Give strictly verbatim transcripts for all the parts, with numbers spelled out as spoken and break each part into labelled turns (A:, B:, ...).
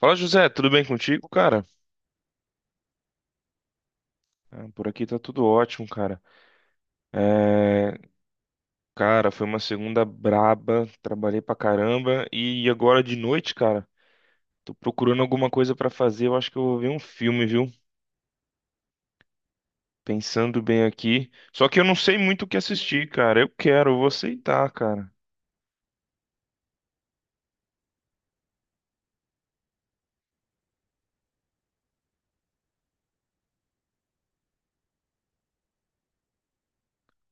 A: Fala, José, tudo bem contigo, cara? Ah, Por aqui tá tudo ótimo, cara. É, cara, foi uma segunda braba, trabalhei pra caramba e agora de noite, cara, tô procurando alguma coisa pra fazer. Eu acho que eu vou ver um filme, viu? Pensando bem aqui. Só que eu não sei muito o que assistir, cara. Eu quero, eu vou aceitar, cara.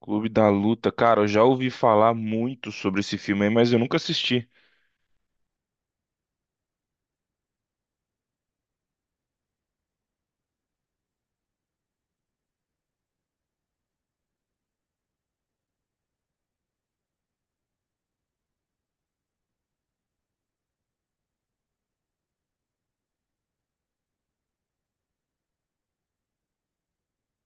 A: Clube da Luta, cara, eu já ouvi falar muito sobre esse filme aí, mas eu nunca assisti.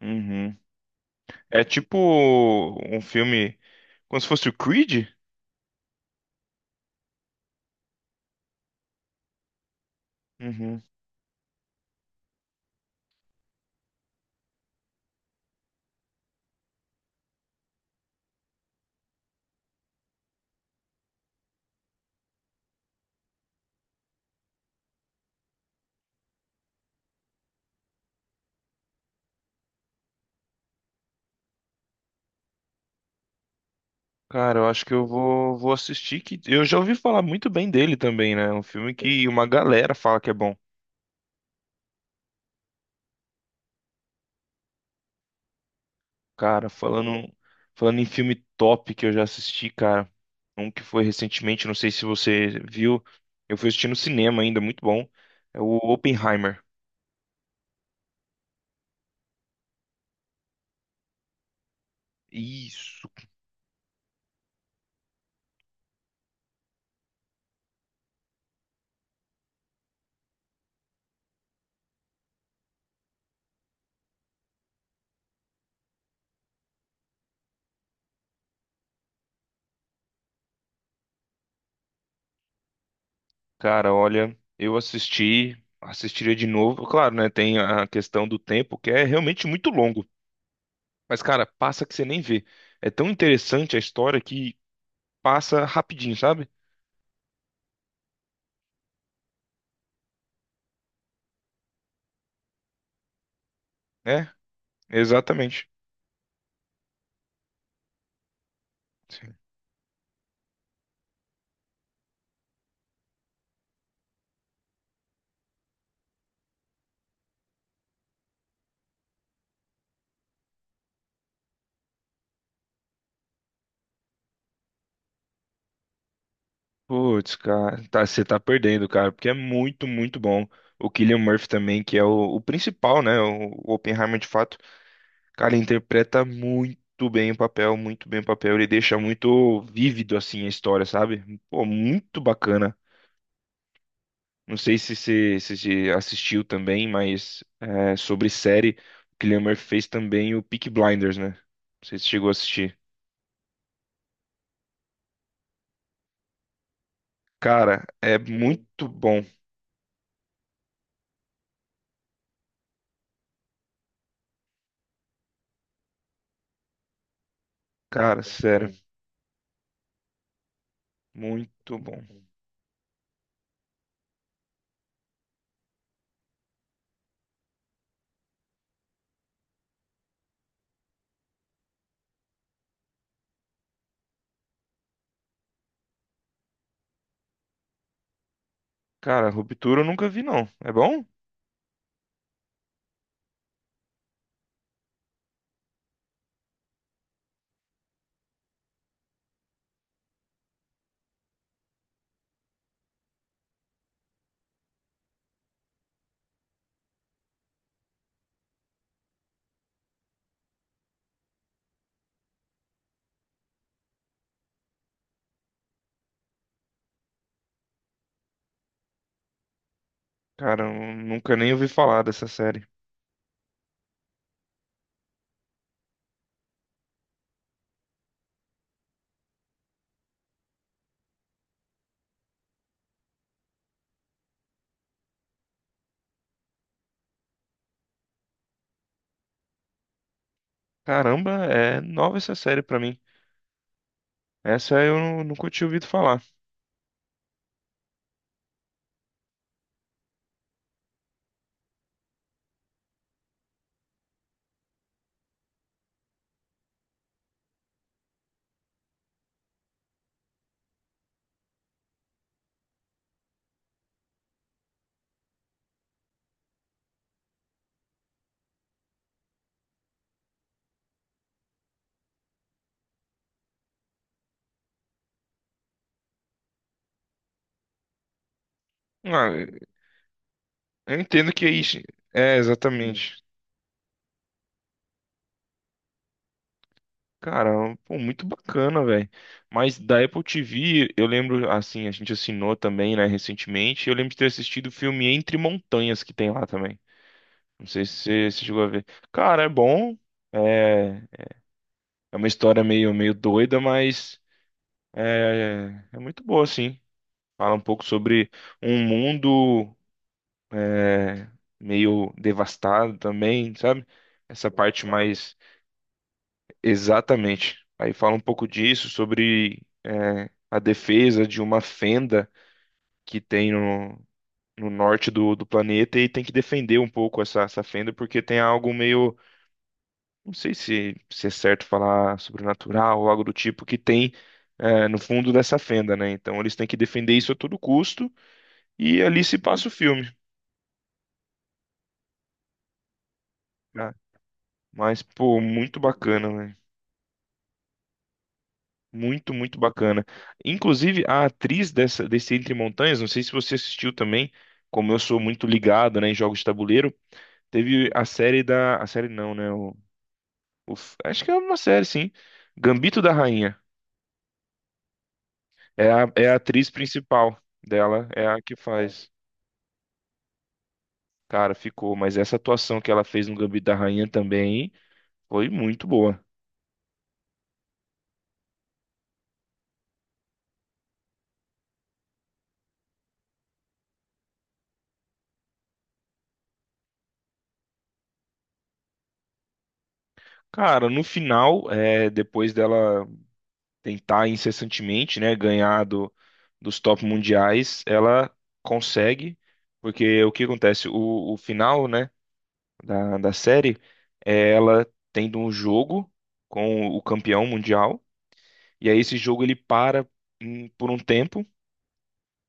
A: Uhum. É tipo um filme como se fosse o Creed? Uhum. Cara, eu acho que eu vou, vou assistir que eu já ouvi falar muito bem dele também, né? É um filme que uma galera fala que é bom. Cara, falando falando em filme top que eu já assisti, cara, um que foi recentemente, não sei se você viu, eu fui assistir no cinema ainda, muito bom. É o Oppenheimer. Isso, cara, olha, eu assisti, assistiria de novo. Claro, né? Tem a questão do tempo, que é realmente muito longo. Mas, cara, passa que você nem vê. É tão interessante a história que passa rapidinho, sabe? É, exatamente. Sim. Putz, cara, tá, você tá perdendo, cara, porque é muito, muito bom. O Cillian Murphy também, que é o, o principal, né? O, o Oppenheimer, de fato, cara, ele interpreta muito bem o papel, muito bem o papel. Ele deixa muito vívido, assim, a história, sabe? Pô, muito bacana. Não sei se você se, você assistiu também, mas é, sobre série, o Cillian Murphy fez também o Peaky Blinders, né? Não sei se chegou a assistir. Cara, é muito bom. Cara, sério. Muito bom. Cara, Ruptura eu nunca vi, não. É bom? Cara, eu nunca nem ouvi falar dessa série. Caramba, é nova essa série pra mim. Essa eu nu- nunca tinha ouvido falar. Ah, eu entendo que é isso. É, exatamente. Cara, pô, muito bacana, velho. Mas da Apple T V, eu lembro, assim, a gente assinou também, né, recentemente. Eu lembro de ter assistido o filme Entre Montanhas que tem lá também. Não sei se você se chegou a ver. Cara, é bom. É, é uma história meio, meio doida, mas. É, é muito boa, sim. Fala um pouco sobre um mundo é, meio devastado também, sabe? Essa parte mais exatamente. Aí fala um pouco disso, sobre é, a defesa de uma fenda que tem no, no norte do, do planeta e tem que defender um pouco essa, essa fenda, porque tem algo meio, não sei se, se é certo falar sobrenatural ou algo do tipo, que tem é, no fundo dessa fenda, né? Então eles têm que defender isso a todo custo. E ali se passa o filme, né? Mas, pô, muito bacana, velho. Muito, muito bacana. Inclusive, a atriz dessa, desse Entre Montanhas, não sei se você assistiu também, como eu sou muito ligado, né, em jogos de tabuleiro, teve a série da. A série não, né? O, o f- acho que é uma série, sim. Gambito da Rainha. É a, é a atriz principal dela, é a que faz. Cara, ficou, mas essa atuação que ela fez no Gambito da Rainha também foi muito boa. Cara, no final, é, depois dela. Tentar incessantemente, né, ganhar do, dos top mundiais, ela consegue, porque o que acontece? O, o final, né, da, da série é ela tendo um jogo com o campeão mundial, e aí esse jogo ele para em- por um tempo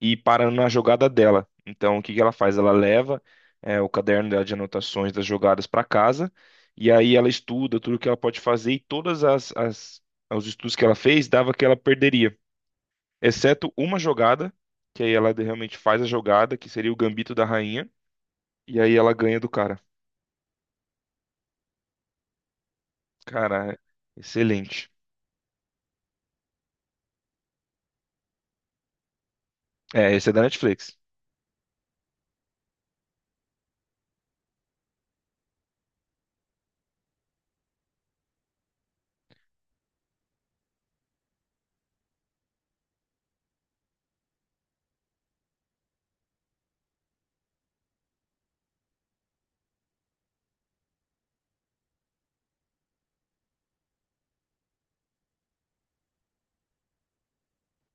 A: e para na jogada dela. Então, o que que ela faz? Ela leva é, o caderno dela de anotações das jogadas para casa, e aí ela estuda tudo que ela pode fazer e todas as, as os estudos que ela fez dava que ela perderia exceto uma jogada, que aí ela realmente faz a jogada, que seria o gambito da rainha, e aí ela ganha do cara. Cara, é excelente. É, esse é da Netflix.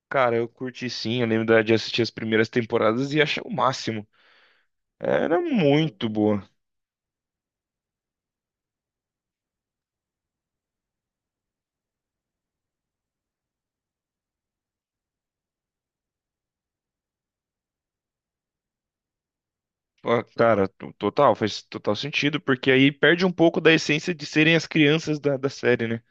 A: Cara, eu curti sim, eu lembro da- de assistir as primeiras temporadas e achei o máximo. Era muito boa. Ah, cara, to- total, faz total sentido, porque aí perde um pouco da essência de serem as crianças da, da série, né?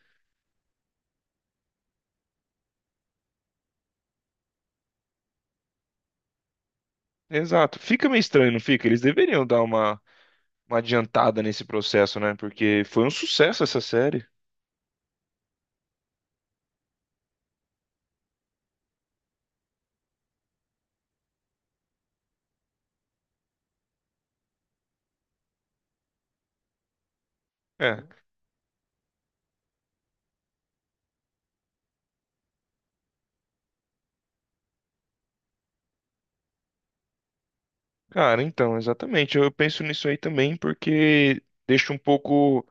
A: Exato. Fica meio estranho, não fica? Eles deveriam dar uma, uma adiantada nesse processo, né? Porque foi um sucesso essa série. É. Cara, então, exatamente. Eu penso nisso aí também porque deixa um pouco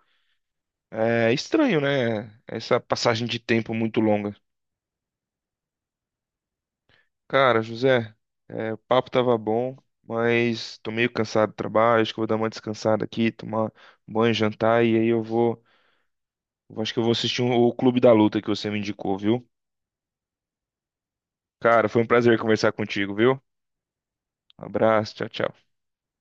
A: é, estranho, né? Essa passagem de tempo muito longa. Cara, José, é, o papo tava bom, mas tô meio cansado do trabalho. Acho que eu vou dar uma descansada aqui, tomar um banho, jantar e aí eu vou. Eu acho que eu vou assistir um, o Clube da Luta que você me indicou, viu? Cara, foi um prazer conversar contigo, viu? Abraço, tchau, tchau.